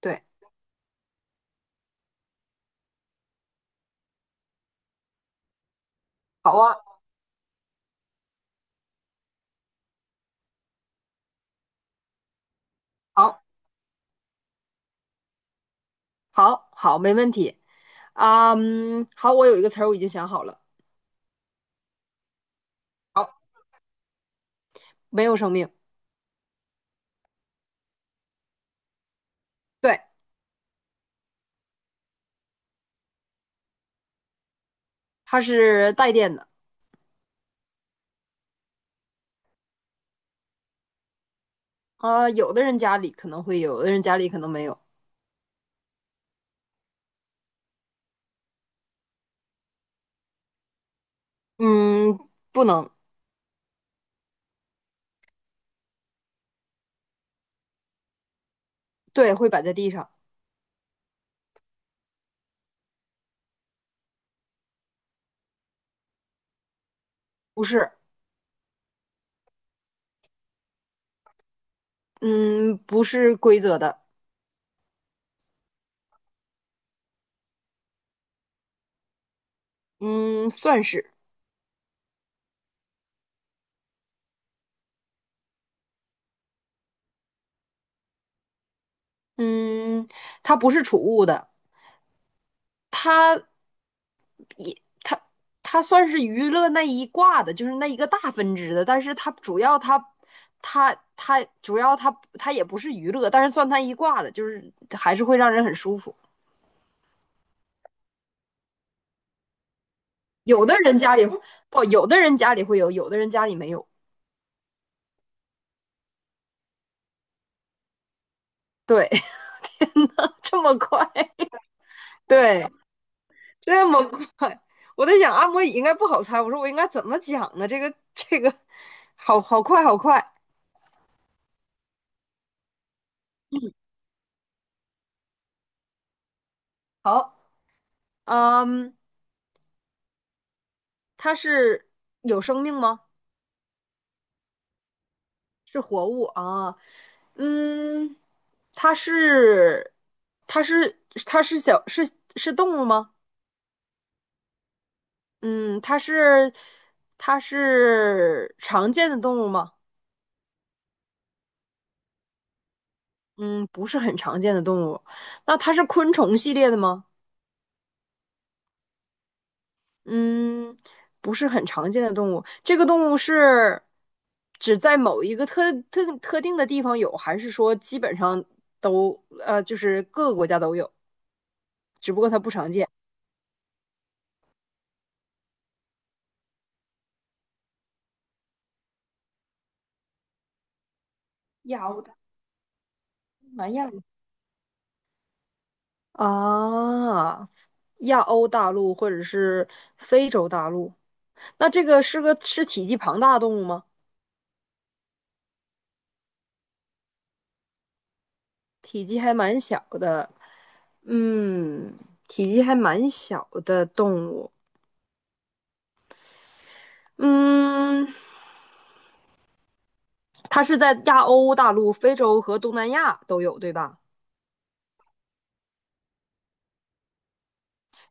对。好啊。好，好，好，没问题。好，我有一个词儿我已经想好了。好，没有生命。对，它是带电的。有的人家里可能会有，有的人家里可能没有。嗯，不能。对，会摆在地上。不是。嗯，不是规则的。嗯，算是。嗯，它不是储物的。它它它算是娱乐那一挂的，就是那一个大分支的，但是它主要它也不是娱乐，但是算它一挂的，就是还是会让人很舒服。有的人家里不，有的人家里会有，有的人家里没有。对，这么快。对，这么快，我在想按摩椅应该不好猜，我说我应该怎么讲呢？好好快好快。好，嗯，它是有生命吗？是活物啊。嗯，它是，它是，它是小，是是动物吗？嗯，它是，它是常见的动物吗？嗯，不是很常见的动物。那它是昆虫系列的吗？嗯，不是很常见的动物。这个动物是只在某一个特定的地方有，还是说基本上都，就是各个国家都有，只不过它不常见？亚欧的东南亚。啊，亚欧大陆或者是非洲大陆，那这个是体积庞大的动物吗？体积还蛮小的。嗯，体积还蛮小的动物。嗯，它是在亚欧大陆、非洲和东南亚都有，对吧？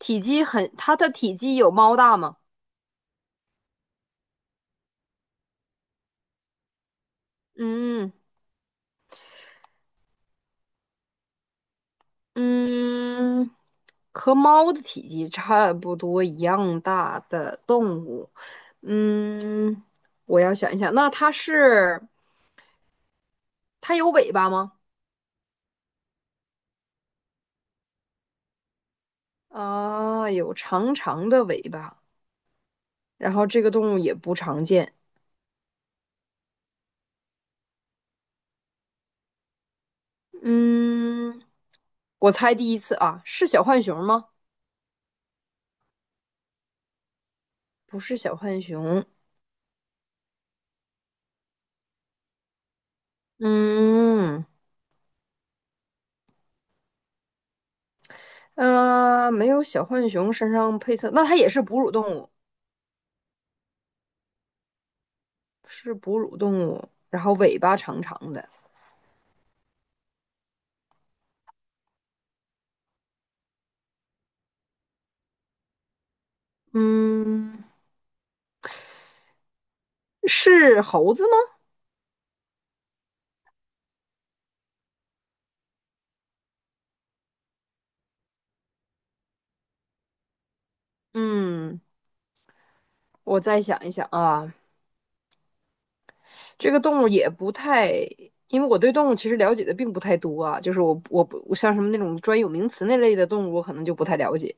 体积很，它的体积有猫大吗？嗯嗯，和猫的体积差不多一样大的动物。嗯，我要想一想，那它是它有尾巴吗？啊，有长长的尾巴，然后这个动物也不常见。嗯，我猜第一次啊，是小浣熊吗？不是小浣熊。嗯，没有小浣熊身上配色，那它也是哺乳动物，是哺乳动物，然后尾巴长长的。嗯，是猴子吗？嗯，我再想一想啊，这个动物也不太，因为我对动物其实了解的并不太多啊，就是我我不我像什么那种专有名词那类的动物，我可能就不太了解。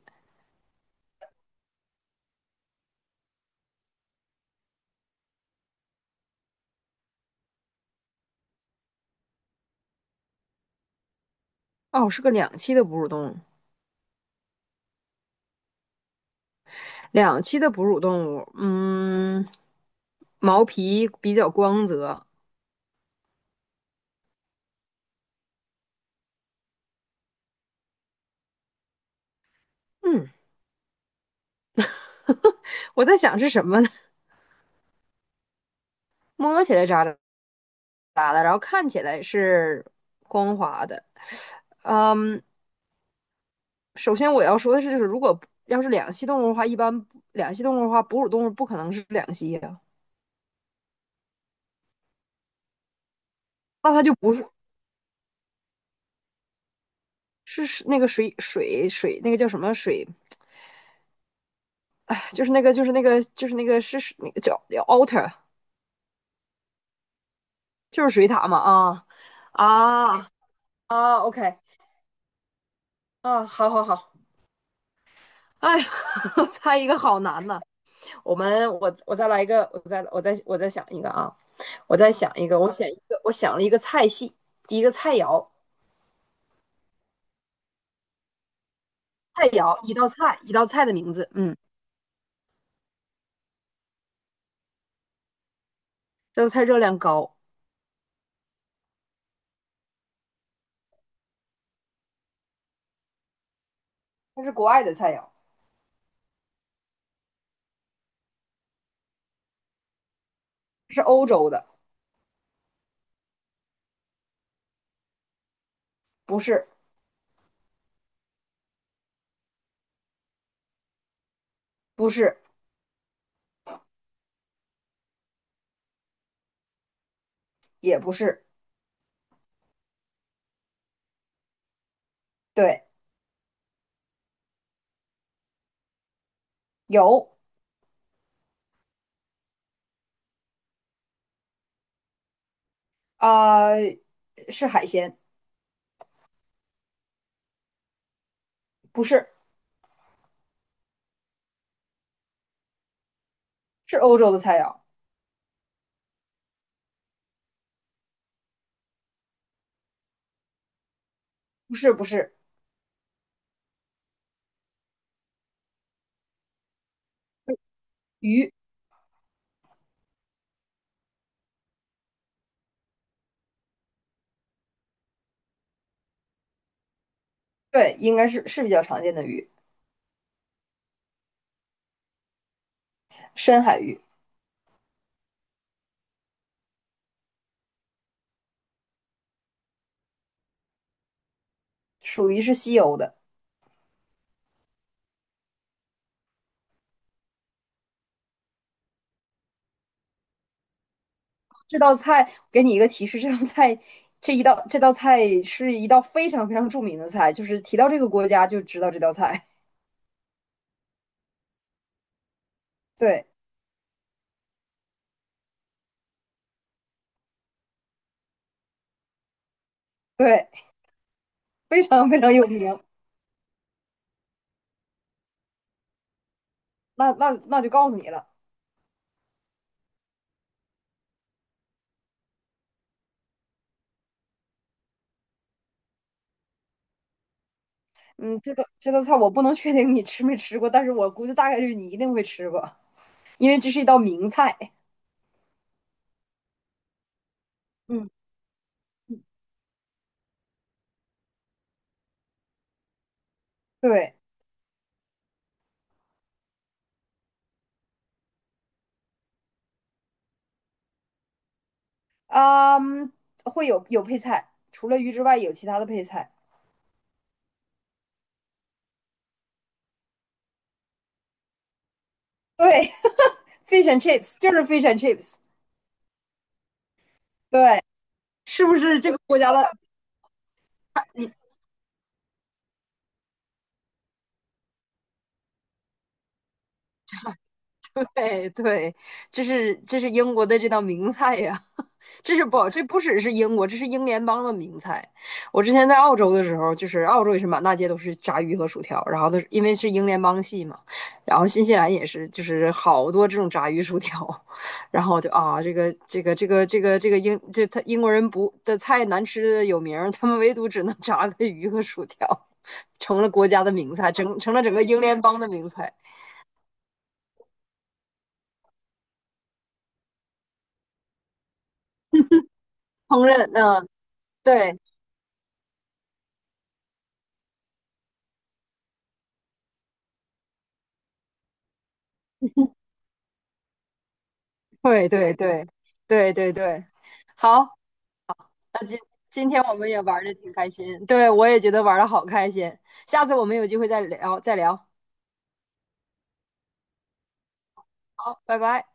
哦，是个两栖的哺乳动物，两栖的哺乳动物。嗯，毛皮比较光泽。嗯，我在想是什么呢？摸起来扎扎的，然后看起来是光滑的。嗯。首先我要说的是，就是如果要是两栖动物的话，一般不两栖动物的话，哺乳动物不可能是两栖呀、那它就不是是那个水那个叫什么水，就是那个就是那个就是那个是是那个叫叫 otter。就是水獭嘛啊啊，OK。 啊，好好好，哎呀 猜一个好难呐、我们我再来一个，我再想一个啊，我再想一个，我想一个，我想了一个菜系，一个菜肴。菜肴，一道菜，一道菜的名字。嗯，这道菜热量高。它是国外的菜肴。它是欧洲的。不是。不是。也不是。对，有。啊、呃是海鲜。不是。是欧洲的菜肴。不是。不是鱼。对，应该是比较常见的鱼。深海鱼。属于是西欧的。这道菜给你一个提示，这道菜是一道非常非常著名的菜，就是提到这个国家就知道这道菜。对对，非常非常有名。那那那就告诉你了。嗯，这道菜我不能确定你吃没吃过，但是我估计大概率你一定会吃过，因为这是一道名菜。嗯，对，嗯，会有配菜，除了鱼之外有其他的配菜。对 ，fish and chips 就是 fish and chips。对，是不是这个国家的？你对对，这是这是英国的这道名菜呀。这是不，这不只是英国，这是英联邦的名菜。我之前在澳洲的时候，就是澳洲也是满大街都是炸鱼和薯条，然后都是因为是英联邦系嘛，然后新西兰也是，就是好多这种炸鱼薯条，然后就啊，这个这个这个这个这个英这他英国人不的菜难吃的有名他们唯独只能炸个鱼和薯条，成了国家的名菜，整成了整个英联邦的名菜。烹饪，嗯，对对对对对，好。今天我们也玩的挺开心，对我也觉得玩的好开心。下次我们有机会再聊，再聊。好，拜拜。